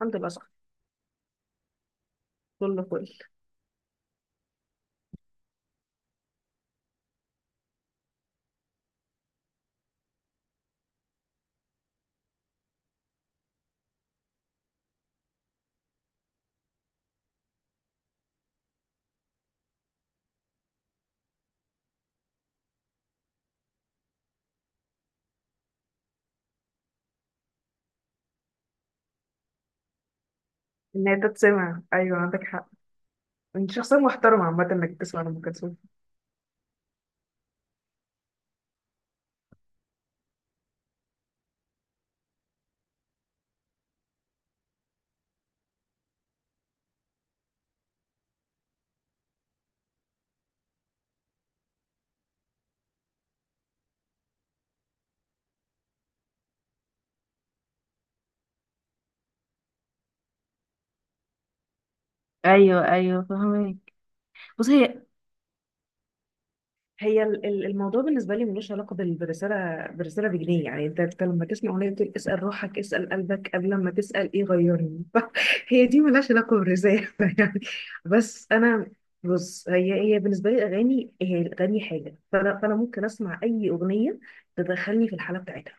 الحمد لله صح، كله فل. ان هي تتسمع ايوه عندك حق. انت شخصيه محترمه عامه انك تسمع لام كلثوم. ايوه فهمك. بص هي الموضوع بالنسبه لي ملوش علاقه بالرساله بالرساله بجنيه، يعني انت لما تسمع اغنيه بتقول اسال روحك اسال قلبك قبل ما تسال ايه غيرني. هي دي ملهاش علاقه بالرساله يعني. بس انا، بص هي بالنسبه لي الاغاني، هي الاغاني حاجه. فانا ممكن اسمع اي اغنيه تدخلني في الحاله بتاعتها.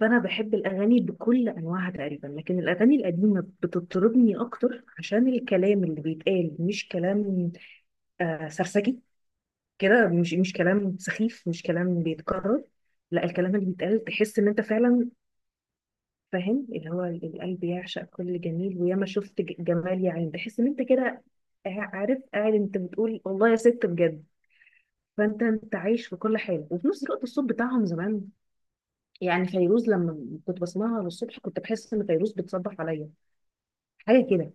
فانا بحب الاغاني بكل انواعها تقريبا، لكن الاغاني القديمه بتطربني اكتر عشان الكلام اللي بيتقال مش كلام سرسجي كده، مش كلام سخيف، مش كلام بيتكرر. لا، الكلام اللي بيتقال تحس ان انت فعلا فاهم، اللي هو القلب يعشق كل جميل وياما شفت جمال يا عين. تحس ان انت كده عارف، قاعد انت بتقول والله يا ست بجد. فانت عايش في كل حاله، وفي نفس الوقت الصوت بتاعهم زمان. يعني فيروز لما كنت بسمعها الصبح كنت بحس ان فيروز بتصبح عليا، حاجه كده.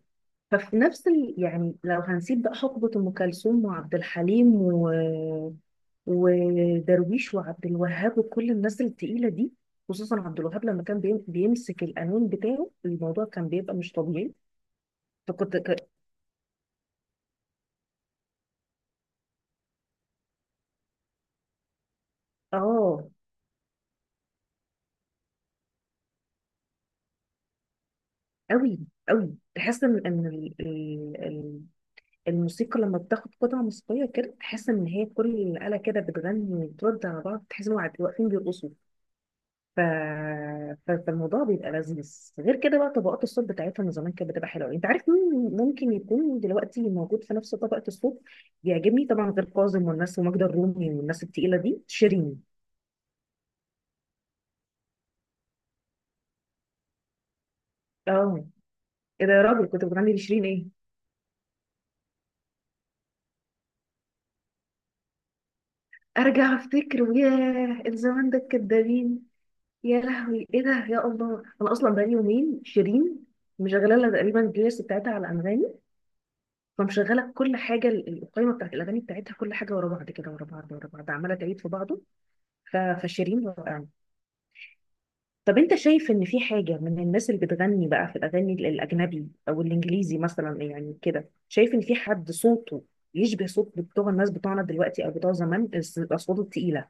ففي نفس يعني لو هنسيب بقى حقبه ام كلثوم وعبد الحليم ودرويش وعبد الوهاب وكل الناس التقيله دي، خصوصا عبد الوهاب لما كان بيمسك القانون بتاعه الموضوع كان بيبقى مش طبيعي. فكنت ك... اه، قوي. قوي، تحس ان الموسيقى لما بتاخد قطعه موسيقيه كده تحس ان هي كل الاله كده بتغني وترد على بعض. تحس ان هم واقفين بيرقصوا. ف... فالموضوع بيبقى لذيذ. غير كده بقى طبقات الصوت بتاعتهم زمان كانت بتبقى حلوه. انت عارف مين ممكن يكون دلوقتي موجود في نفس طبقه الصوت بيعجبني طبعا؟ غير كاظم والناس وماجدة الرومي والناس التقيله دي، شيرين. اه، ايه ده يا راجل، كنت بتغني لشيرين ايه؟ ارجع افتكر، ياه الزمان ده الكدابين. يا لهوي ايه ده، يا الله انا اصلا بقالي يومين شيرين مشغله لها تقريبا البلاي بتاعتها على انغامي. فمشغله كل حاجه، القائمه بتاعت الاغاني بتاعتها كل حاجه ورا بعض كده، ورا بعض ورا بعض، عماله تعيد في بعضه. ف- فشيرين رائعة. طب انت شايف ان في حاجة من الناس اللي بتغني بقى في الاغاني الاجنبي او الانجليزي مثلا، يعني كده شايف ان في حد صوته يشبه صوت بتوع الناس بتوعنا دلوقتي او بتوع زمان، الاصوات التقيلة؟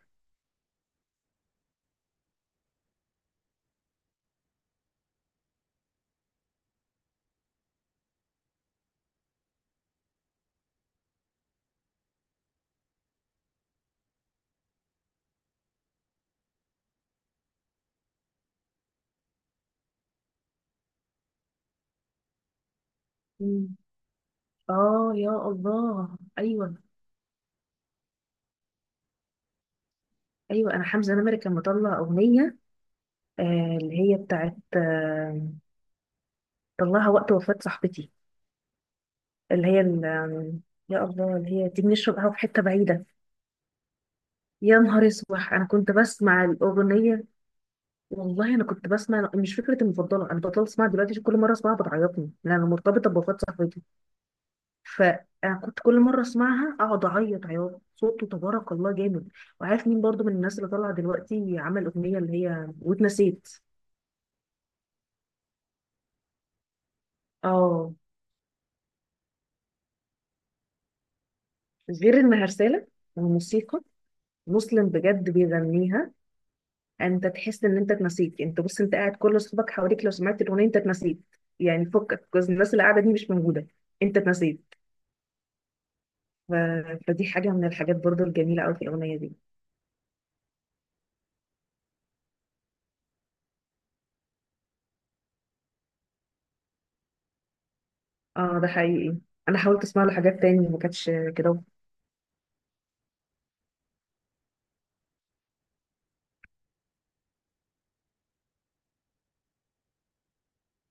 مم. اه يا الله، ايوه. ايوه، انا حمزة نمرة كان مطلع اغنية، آه اللي هي بتاعت آه، طلعها وقت وفاة صاحبتي، اللي هي ال- آم، يا الله اللي هي دي، بنشرب قهوة في حتة بعيدة. يا نهار اسود انا كنت بسمع الاغنية. والله انا كنت بسمع، مش فكره المفضله، انا بطلت اسمعها دلوقتي عشان كل مره اسمعها بتعيطني لان انا مرتبطه بوفاه صاحبتي. فانا كنت كل مره اسمعها اقعد اعيط عياط. صوته تبارك الله جامد. وعارف مين برضو من الناس اللي طالعه دلوقتي عمل اغنيه اللي هي واتنسيت؟ اه. غير انها رساله وموسيقى، مسلم بجد بيغنيها. انت تحس ان انت اتنسيت. انت بص، انت قاعد كل اصحابك حواليك، لو سمعت الاغنيه انت اتنسيت، يعني فكك الناس اللي قاعده دي مش موجوده، انت اتنسيت. ف... فدي حاجة من الحاجات برضو الجميلة أوي في الأغنية دي. اه ده حقيقي، أنا حاولت أسمع له حاجات تاني ما كانتش كده.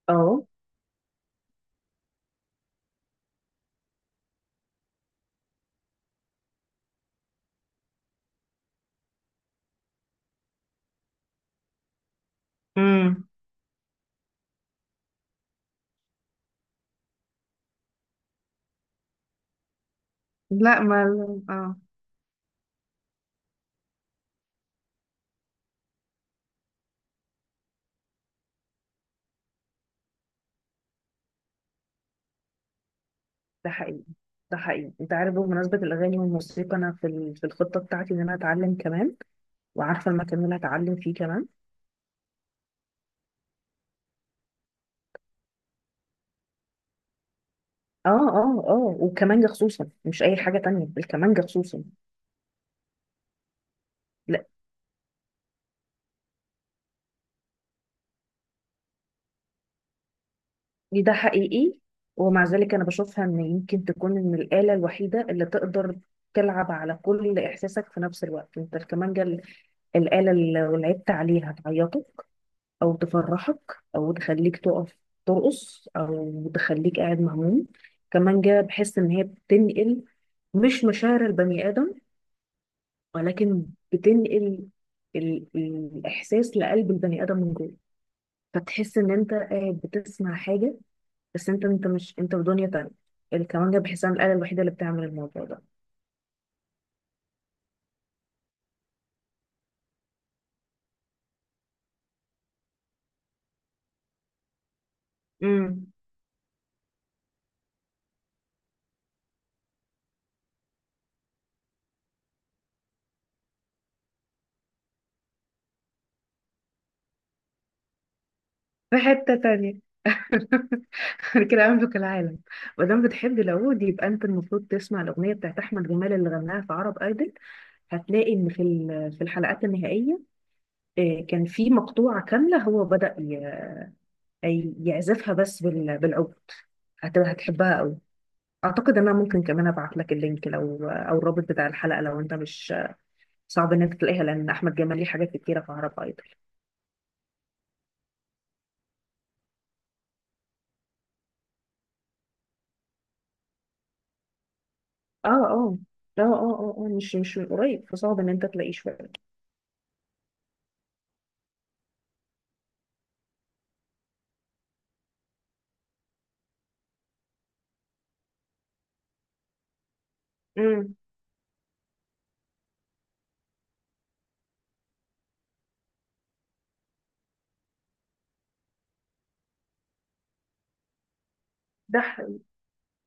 اه. امم. لا ما. اه ده حقيقي. ده حقيقي، انت عارف بمناسبة الأغاني والموسيقى أنا في ال- في الخطة بتاعتي إن أنا أتعلم كمان وعارفة المكان اللي هتعلم فيه كمان اه اه اه والكمانجة خصوصا مش أي حاجة تانية الكمانجة خصوصا ده حقيقي ومع ذلك أنا بشوفها إن يمكن تكون إن الآلة الوحيدة اللي تقدر تلعب على كل إحساسك في نفس الوقت أنت الكمانجة ال- الآلة اللي لو لعبت عليها تعيطك أو تفرحك أو تخليك تقف ترقص أو تخليك قاعد مهموم كمانجة بحس إن هي بتنقل مش مشاعر البني آدم ولكن بتنقل ال- الإحساس لقلب البني آدم من جوه فتحس إن أنت قاعد بتسمع حاجة بس انت انت مش انت في دنيا تانية الكمانجة بحسها الآلة الوحيدة اللي بتعمل الموضوع ده امم في حتة تانية كده أملك العالم مادام بتحب العود يبقى انت المفروض تسمع الأغنية بتاعت أحمد جمال اللي غناها في عرب ايدل هتلاقي ان في ال- في الحلقات النهائية آه، كان في مقطوعة كاملة هو بدأ ي- أي- يعزفها بس بال- بالعود هتبقى هتحبها قوي اعتقد ان انا ممكن كمان ابعت لك اللينك لو آه، او الرابط بتاع الحلقة لو انت مش صعب ان انت تلاقيها لان احمد جمال ليه حاجات كتيره في عرب ايدل اه اه اه اه اه آه، مش مش من قريب فصعب ان انت تلاقيه شويه امم ده ح-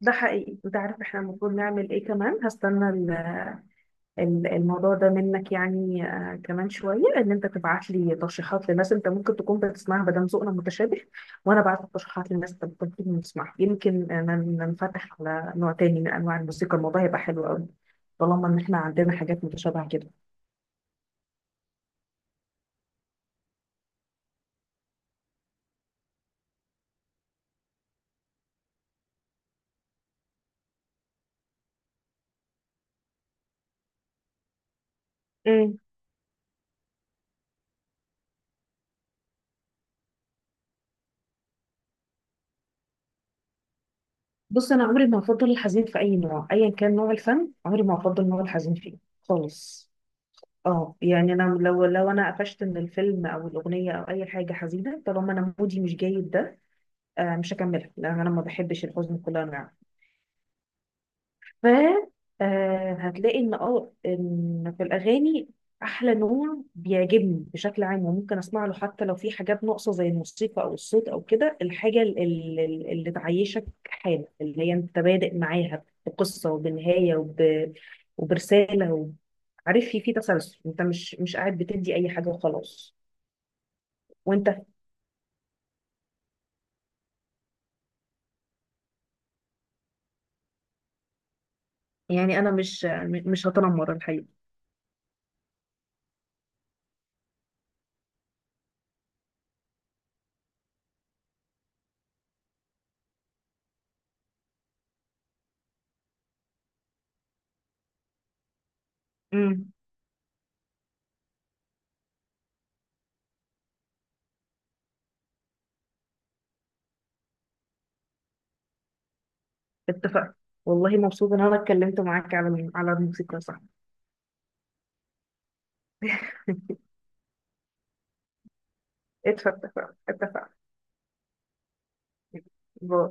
ده حقيقي انت عارف احنا المفروض نعمل ايه كمان؟ هستنى الموضوع ده منك، يعني آه، كمان شويه ان انت تبعت لي ترشيحات لناس انت ممكن تكون بتسمعها بدل ذوقنا متشابه، وانا بعت ترشيحات للناس انت ممكن تكون بتسمعها، يمكن ننفتح على نوع تاني من انواع الموسيقى. الموضوع هيبقى حلو قوي طالما ان احنا عندنا حاجات متشابهه كده. بص انا عمري ما هفضل الحزين في اي نوع، ايا كان نوع الفن عمري ما هفضل نوع الحزين فيه خالص. اه يعني انا لو، لو انا قفشت من الفيلم او الاغنيه او اي حاجه حزينه طالما انا مودي مش جيد ده، آه مش هكملها لان انا ما بحبش الحزن بكل انواعه. ف آه، هتلاقي ان اه ان في الاغاني احلى نوع بيعجبني بشكل عام وممكن اسمع له حتى لو في حاجات ناقصه زي الموسيقى او الصوت او كده، الحاجه اللي تعيشك حاله، اللي هي انت بادئ معاها بقصه وبنهايه وبرساله عارف، في في تسلسل، انت مش قاعد بتدي اي حاجه وخلاص. وانت؟ يعني انا مش هتنمر الحقيقه. امم. اتفقنا. والله مبسوطه ان انا اتكلمت معاك على على الموسيقى، صح. اتفقنا اتفقنا. باي.